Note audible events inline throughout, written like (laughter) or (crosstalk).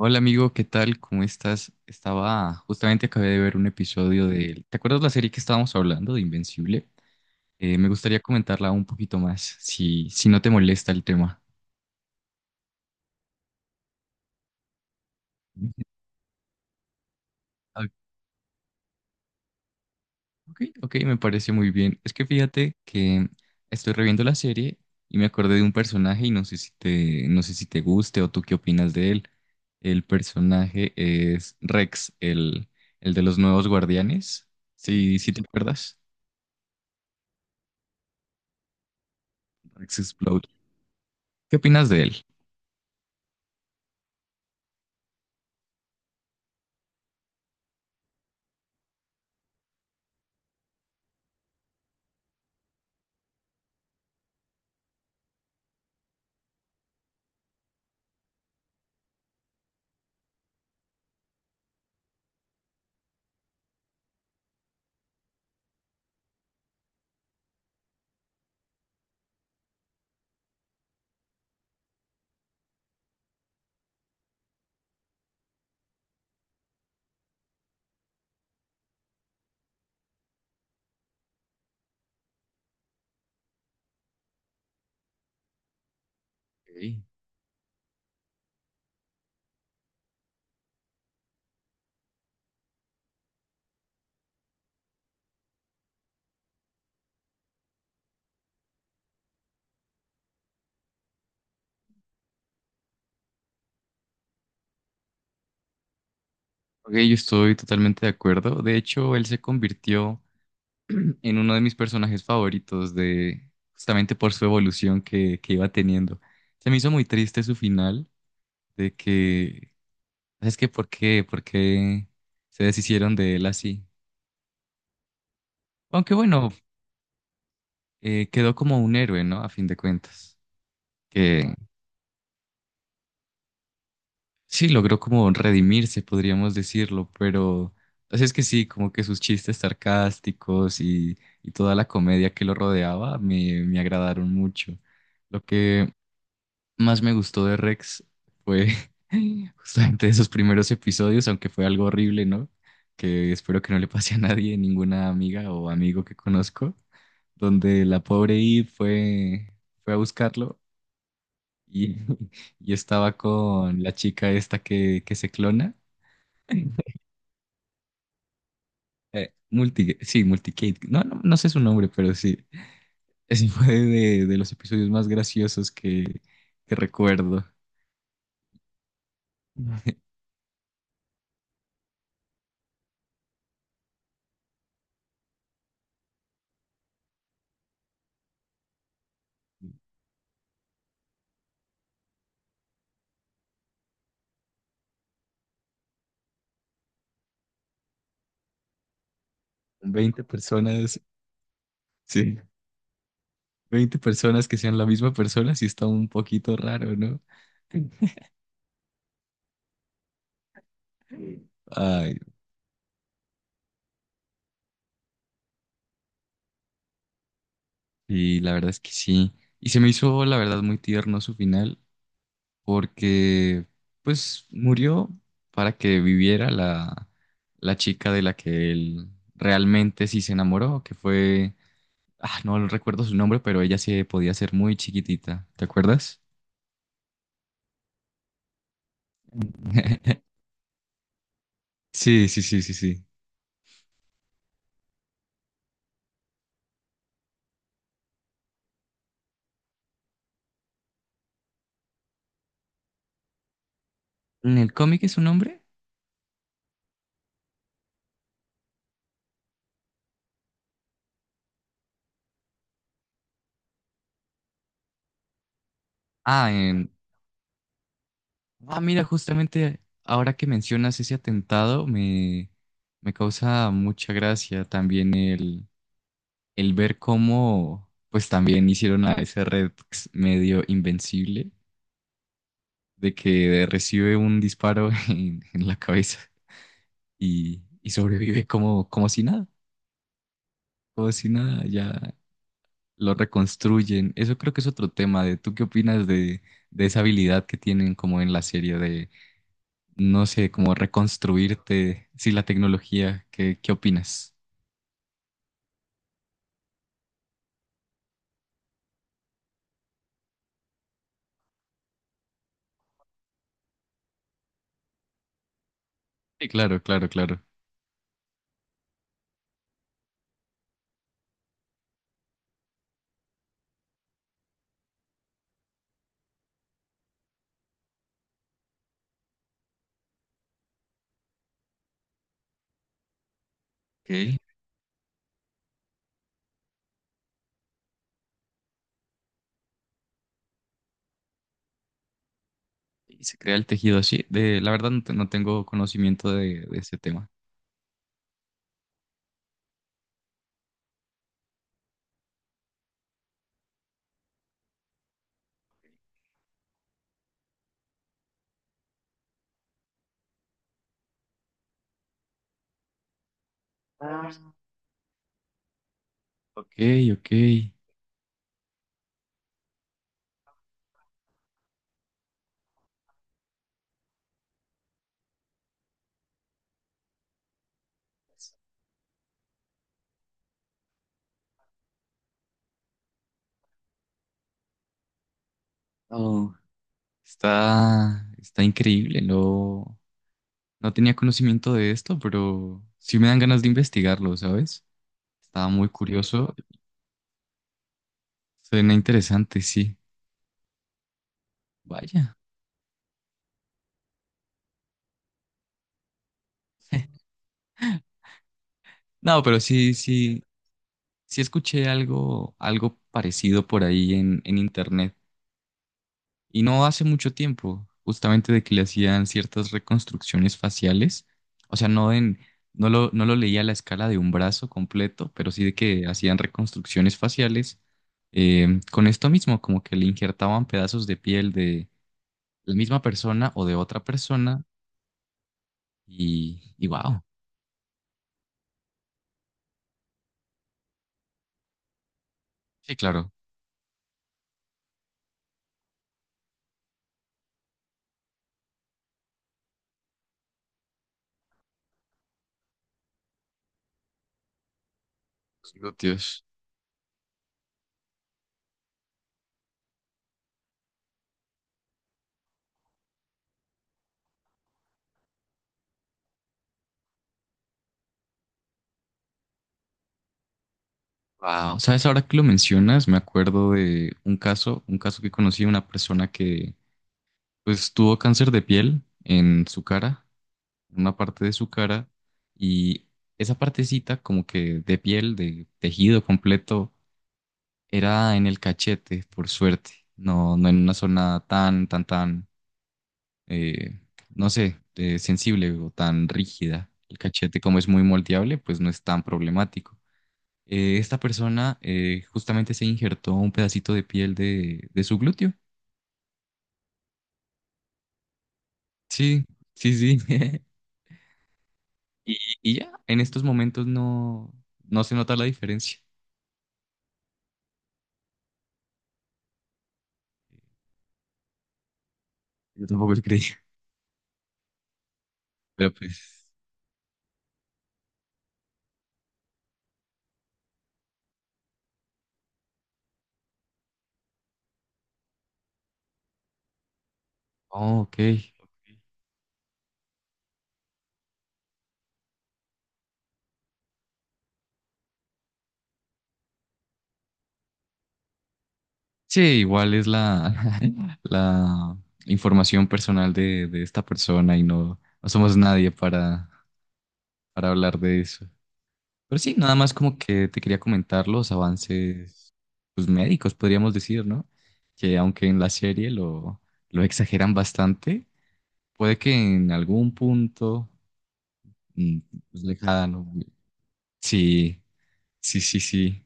Hola amigo, ¿qué tal? ¿Cómo estás? Estaba, justamente acabé de ver un episodio de ¿te acuerdas la serie que estábamos hablando de Invencible? Me gustaría comentarla un poquito más, si no te molesta el tema. Ah, ok, ok, me parece muy bien. Es que fíjate que estoy reviendo la serie y me acordé de un personaje y no sé si te guste o tú qué opinas de él. El personaje es Rex, el de los nuevos guardianes. Sí, sí te acuerdas. Rex Explode. ¿Qué opinas de él? Ok, ok, yo estoy totalmente de acuerdo. De hecho, él se convirtió (clears throat) en uno de mis personajes favoritos de justamente por su evolución que iba teniendo. Se me hizo muy triste su final de que, ¿sabes qué? ¿Por qué? ¿Por qué se deshicieron de él así? Aunque bueno, quedó como un héroe, ¿no? A fin de cuentas, que sí, logró como redimirse, podríamos decirlo, pero así es que sí, como que sus chistes sarcásticos y toda la comedia que lo rodeaba me agradaron mucho. Lo que más me gustó de Rex fue (laughs) justamente esos primeros episodios, aunque fue algo horrible, ¿no? Que espero que no le pase a nadie, ninguna amiga o amigo que conozco, donde la pobre Eve fue a buscarlo y, (laughs) y estaba con la chica esta que se clona. Sí, Multicade. No, no, no sé su nombre, pero sí. Ese (laughs) fue de los episodios más graciosos que recuerdo. 20 personas, sí, 20 personas que sean la misma persona, sí está un poquito raro, ¿no? Sí. Ay, y la verdad es que sí. Y se me hizo, la verdad, muy tierno su final, porque pues murió para que viviera la chica de la que él realmente sí se enamoró, que fue ah, no recuerdo su nombre, pero ella se podía ser muy chiquitita. ¿Te acuerdas? (laughs) Sí, sí, sí, sí, sí. ¿En el cómic es un hombre? Ah, en Ah, mira, justamente ahora que mencionas ese atentado, me causa mucha gracia también el ver cómo, pues también hicieron a ese Rex medio invencible, de que recibe un disparo (laughs) en la cabeza y sobrevive como, como si nada, ya lo reconstruyen. Eso creo que es otro tema de tú qué opinas de esa habilidad que tienen como en la serie de, no sé, como reconstruirte, sí, la tecnología, ¿qué, qué opinas? Sí, claro, claro, claro. Ok. Y se crea el tejido así. De, la verdad no, te- no tengo conocimiento de ese tema. Ok, ok. Oh, está, está increíble. No, no tenía conocimiento de esto, pero sí me dan ganas de investigarlo, ¿sabes? Estaba muy curioso. Suena interesante, sí. Vaya. No, pero sí, sí, sí escuché algo, algo parecido por ahí en internet. Y no hace mucho tiempo, justamente de que le hacían ciertas reconstrucciones faciales. O sea, no lo leía a la escala de un brazo completo, pero sí de que hacían reconstrucciones faciales con esto mismo, como que le injertaban pedazos de piel de la misma persona o de otra persona. Y wow. Sí, claro. Los glúteos. Wow, sabes, ahora que lo mencionas, me acuerdo de un caso que conocí una persona que pues tuvo cáncer de piel en su cara, en una parte de su cara, y esa partecita como que de piel, de tejido completo, era en el cachete, por suerte, no, no en una zona tan, eh, no sé, sensible o tan rígida. El cachete como es muy moldeable, pues no es tan problemático esta persona justamente se injertó un pedacito de piel de su glúteo. Sí, sí, sí. (laughs) Y, y ya, en estos momentos no se nota la diferencia. Yo tampoco lo creí, (laughs) pero pues, oh, ok. Sí, igual es (laughs) la información personal de esta persona y no, no somos nadie para, para hablar de eso. Pero sí, nada más como que te quería comentar los avances pues, médicos, podríamos decir, ¿no? Que aunque en la serie lo exageran bastante, puede que en algún punto mm, pues, lejano. Sí, sí, sí, sí.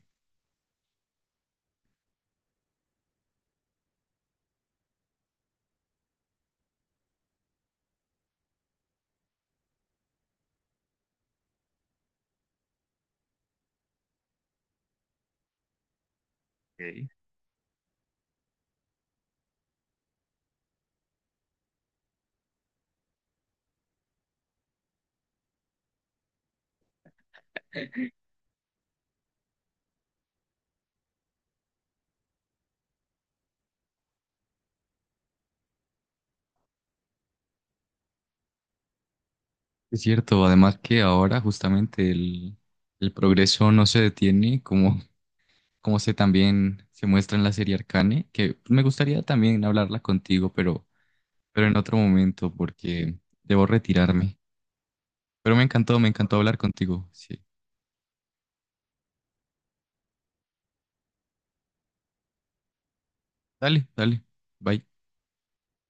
Ok. Es cierto, además que ahora justamente el progreso no se detiene, como, como se también se muestra en la serie Arcane, que me gustaría también hablarla contigo, pero en otro momento, porque debo retirarme. Pero me encantó hablar contigo. Sí. Dale, dale. Bye.